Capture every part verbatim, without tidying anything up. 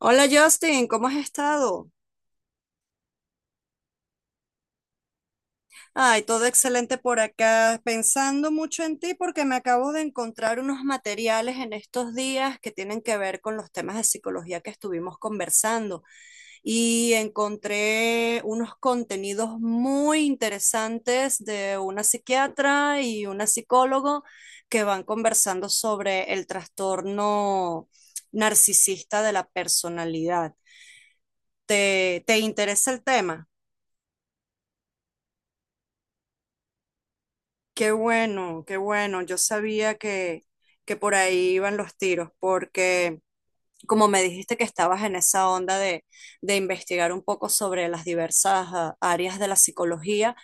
Hola Justin, ¿cómo has estado? Ay, todo excelente por acá, pensando mucho en ti porque me acabo de encontrar unos materiales en estos días que tienen que ver con los temas de psicología que estuvimos conversando y encontré unos contenidos muy interesantes de una psiquiatra y una psicólogo que van conversando sobre el trastorno narcisista de la personalidad. ¿Te, te interesa el tema? Qué bueno, qué bueno. Yo sabía que, que por ahí iban los tiros, porque como me dijiste que estabas en esa onda de, de investigar un poco sobre las diversas ah, áreas de la psicología.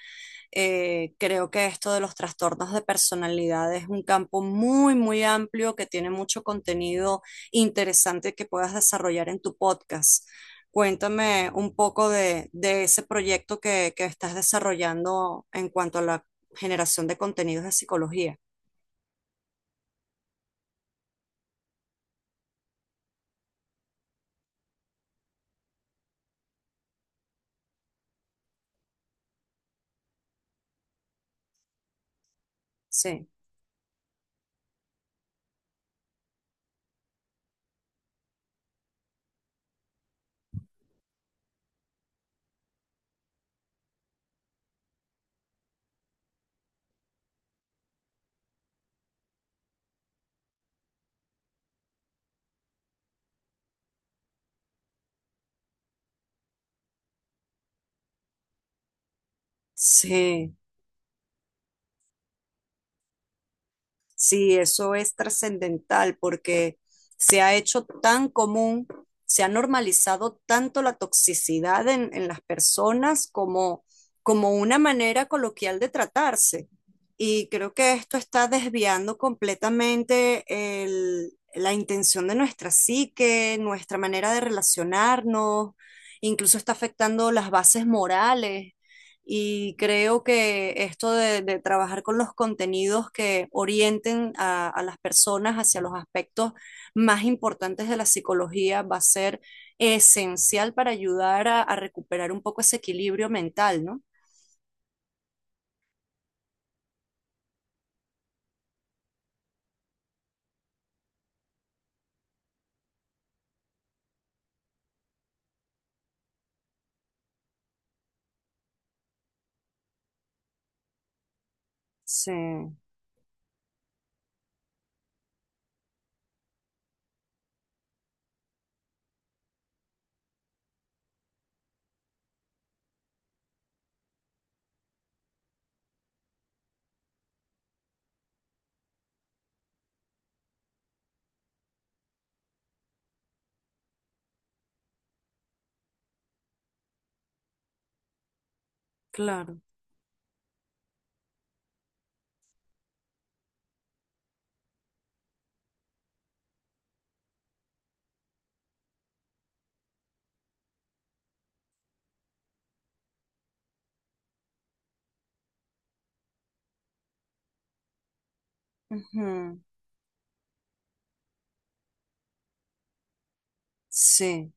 eh, Creo que esto de los trastornos de personalidad es un campo muy, muy amplio que tiene mucho contenido interesante que puedas desarrollar en tu podcast. Cuéntame un poco de, de ese proyecto que, que estás desarrollando en cuanto a la generación de contenidos de psicología. Sí, sí. Sí, eso es trascendental porque se ha hecho tan común, se ha normalizado tanto la toxicidad en, en las personas como, como una manera coloquial de tratarse. Y creo que esto está desviando completamente el- la intención de nuestra psique, nuestra manera de relacionarnos, incluso está afectando las bases morales. Y creo que esto de, de trabajar con los contenidos que orienten a, a las personas hacia los aspectos más importantes de la psicología va a ser esencial para ayudar a, a recuperar un poco ese equilibrio mental, ¿no? Sí, claro. Ujú. Sí.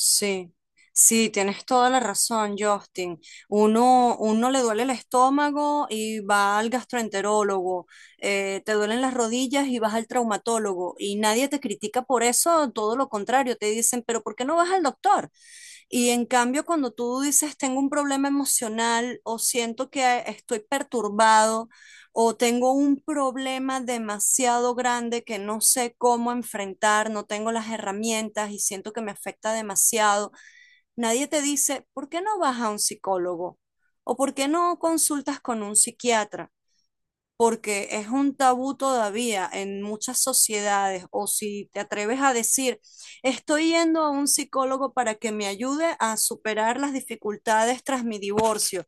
Sí, sí, tienes toda la razón, Justin. Uno, uno le duele el estómago y va al gastroenterólogo, eh, te duelen las rodillas y vas al traumatólogo y nadie te critica por eso, todo lo contrario, te dicen, pero ¿por qué no vas al doctor? Y en cambio, cuando tú dices, tengo un problema emocional o siento que estoy perturbado, o tengo un problema demasiado grande que no sé cómo enfrentar, no tengo las herramientas y siento que me afecta demasiado. Nadie te dice, ¿por qué no vas a un psicólogo? ¿O por qué no consultas con un psiquiatra? Porque es un tabú todavía en muchas sociedades. O si te atreves a decir, estoy yendo a un psicólogo para que me ayude a superar las dificultades tras mi divorcio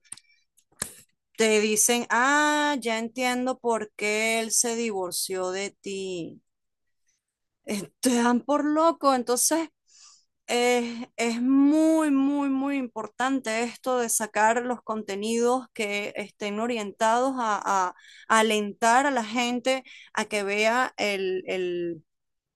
te dicen, ah, ya entiendo por qué él se divorció de ti. Eh, Te dan por loco, entonces eh, es muy, muy, muy importante esto de sacar los contenidos que estén orientados a, a- a alentar a la gente a que vea el, el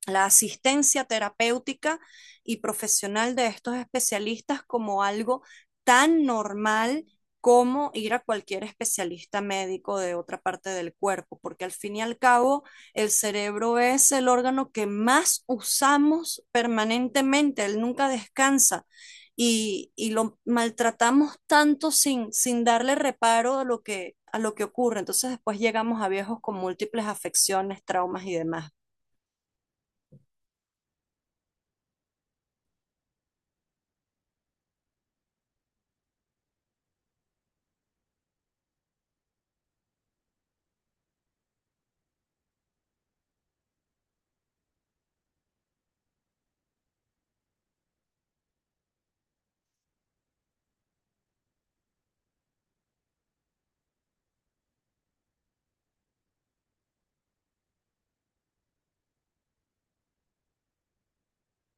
la asistencia terapéutica y profesional de estos especialistas como algo tan normal como ir a cualquier especialista médico de otra parte del cuerpo, porque al fin y al cabo el cerebro es el órgano que más usamos permanentemente, él nunca descansa y, y lo maltratamos tanto sin, sin darle reparo a lo, que, a lo que ocurre. Entonces después llegamos a viejos con múltiples afecciones, traumas y demás.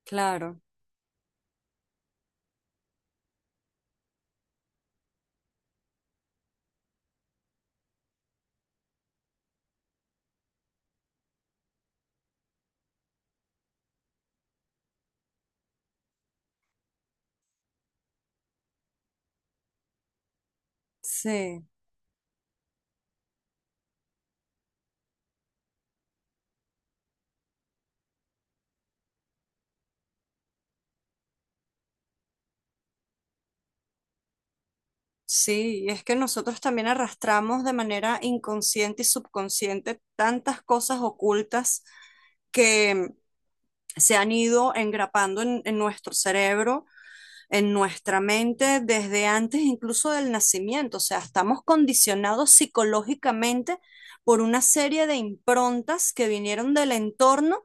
Claro. Sí, sí, y es que nosotros también arrastramos de manera inconsciente y subconsciente tantas cosas ocultas que se han ido engrapando en, en nuestro cerebro, en nuestra mente, desde antes incluso del nacimiento. O sea, estamos condicionados psicológicamente por una serie de improntas que vinieron del entorno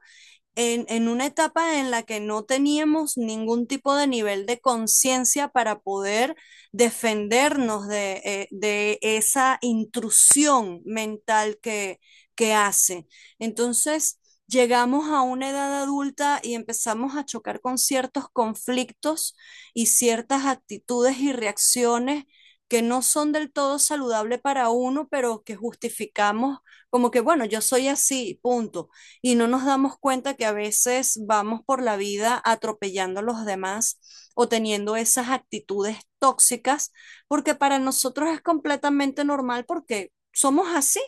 en, en una etapa en la que no teníamos ningún tipo de nivel de conciencia para poder defendernos de, eh, de esa intrusión mental que, que hace. Entonces, llegamos a una edad adulta y empezamos a chocar con ciertos conflictos y ciertas actitudes y reacciones que no son del todo saludables para uno, pero que justificamos como que, bueno, yo soy así, punto y no nos damos cuenta que a veces vamos por la vida atropellando a los demás o teniendo esas actitudes tóxicas, porque para nosotros es completamente normal porque somos así.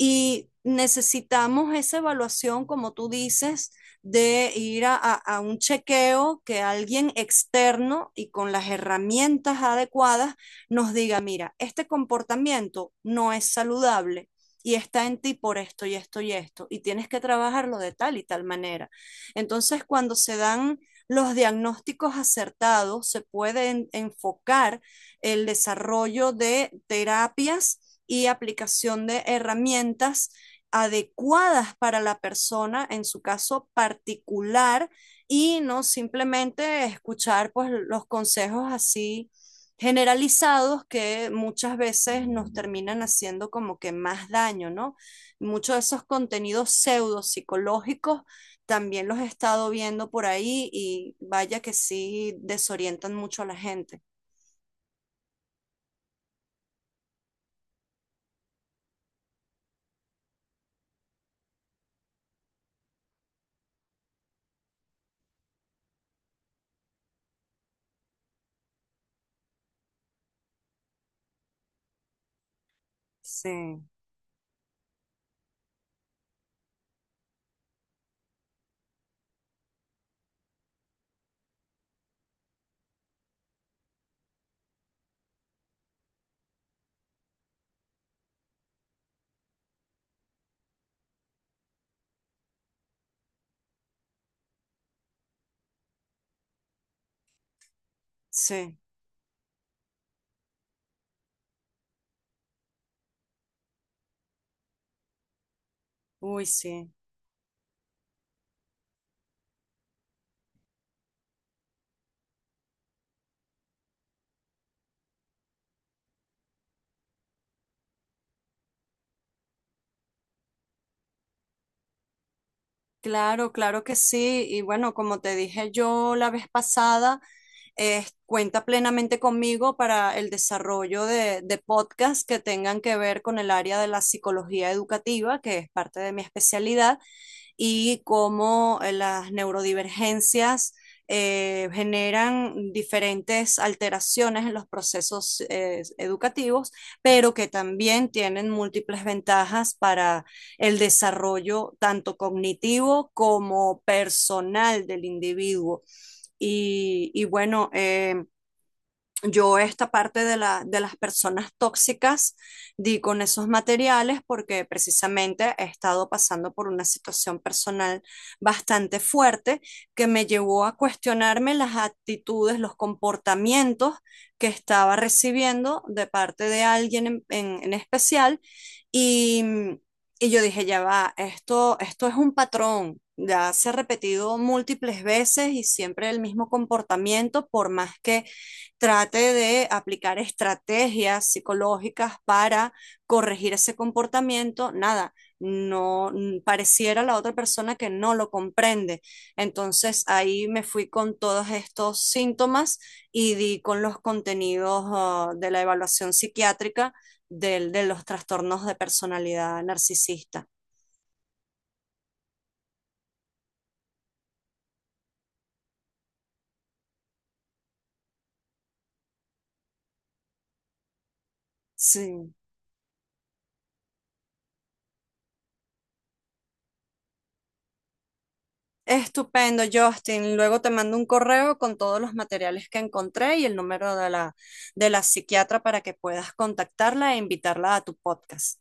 Y necesitamos esa evaluación, como tú dices, de ir a, a- a un chequeo que alguien externo y con las herramientas adecuadas nos diga, mira, este comportamiento no es saludable. Y está en ti por esto y esto y esto, y tienes que trabajarlo de tal y tal manera. Entonces, cuando se dan los diagnósticos acertados, se pueden enfocar el desarrollo de terapias y aplicación de herramientas adecuadas para la persona en su caso particular y no simplemente escuchar pues los consejos así generalizados que muchas veces nos terminan haciendo como que más daño, ¿no? Muchos de esos contenidos pseudo psicológicos también los he estado viendo por ahí y vaya que sí desorientan mucho a la gente. Sí, sí, uy, sí. Claro, claro que sí. Y bueno, como te dije yo la vez pasada, eh, cuenta plenamente conmigo para el desarrollo de, de podcasts que tengan que ver con el área de la psicología educativa, que es parte de mi especialidad, y cómo eh, las neurodivergencias eh, generan diferentes alteraciones en los procesos eh, educativos, pero que también tienen múltiples ventajas para el desarrollo tanto cognitivo como personal del individuo. Y, y bueno, eh, yo esta parte de la, de las personas tóxicas di con esos materiales porque precisamente he estado pasando por una situación personal bastante fuerte que me llevó a cuestionarme las actitudes, los comportamientos que estaba recibiendo de parte de alguien en, en- en especial y, y yo dije, ya va, esto, esto es un patrón. Ya se ha repetido múltiples veces y siempre el mismo comportamiento, por más que trate de aplicar estrategias psicológicas para corregir ese comportamiento, nada, no pareciera la otra persona que no lo comprende. Entonces ahí me fui con todos estos síntomas y di con los contenidos uh, de la evaluación psiquiátrica del, de los trastornos de personalidad narcisista. Sí. Estupendo, Justin. Luego te mando un correo con todos los materiales que encontré y el número de la, de la psiquiatra para que puedas contactarla e invitarla a tu podcast.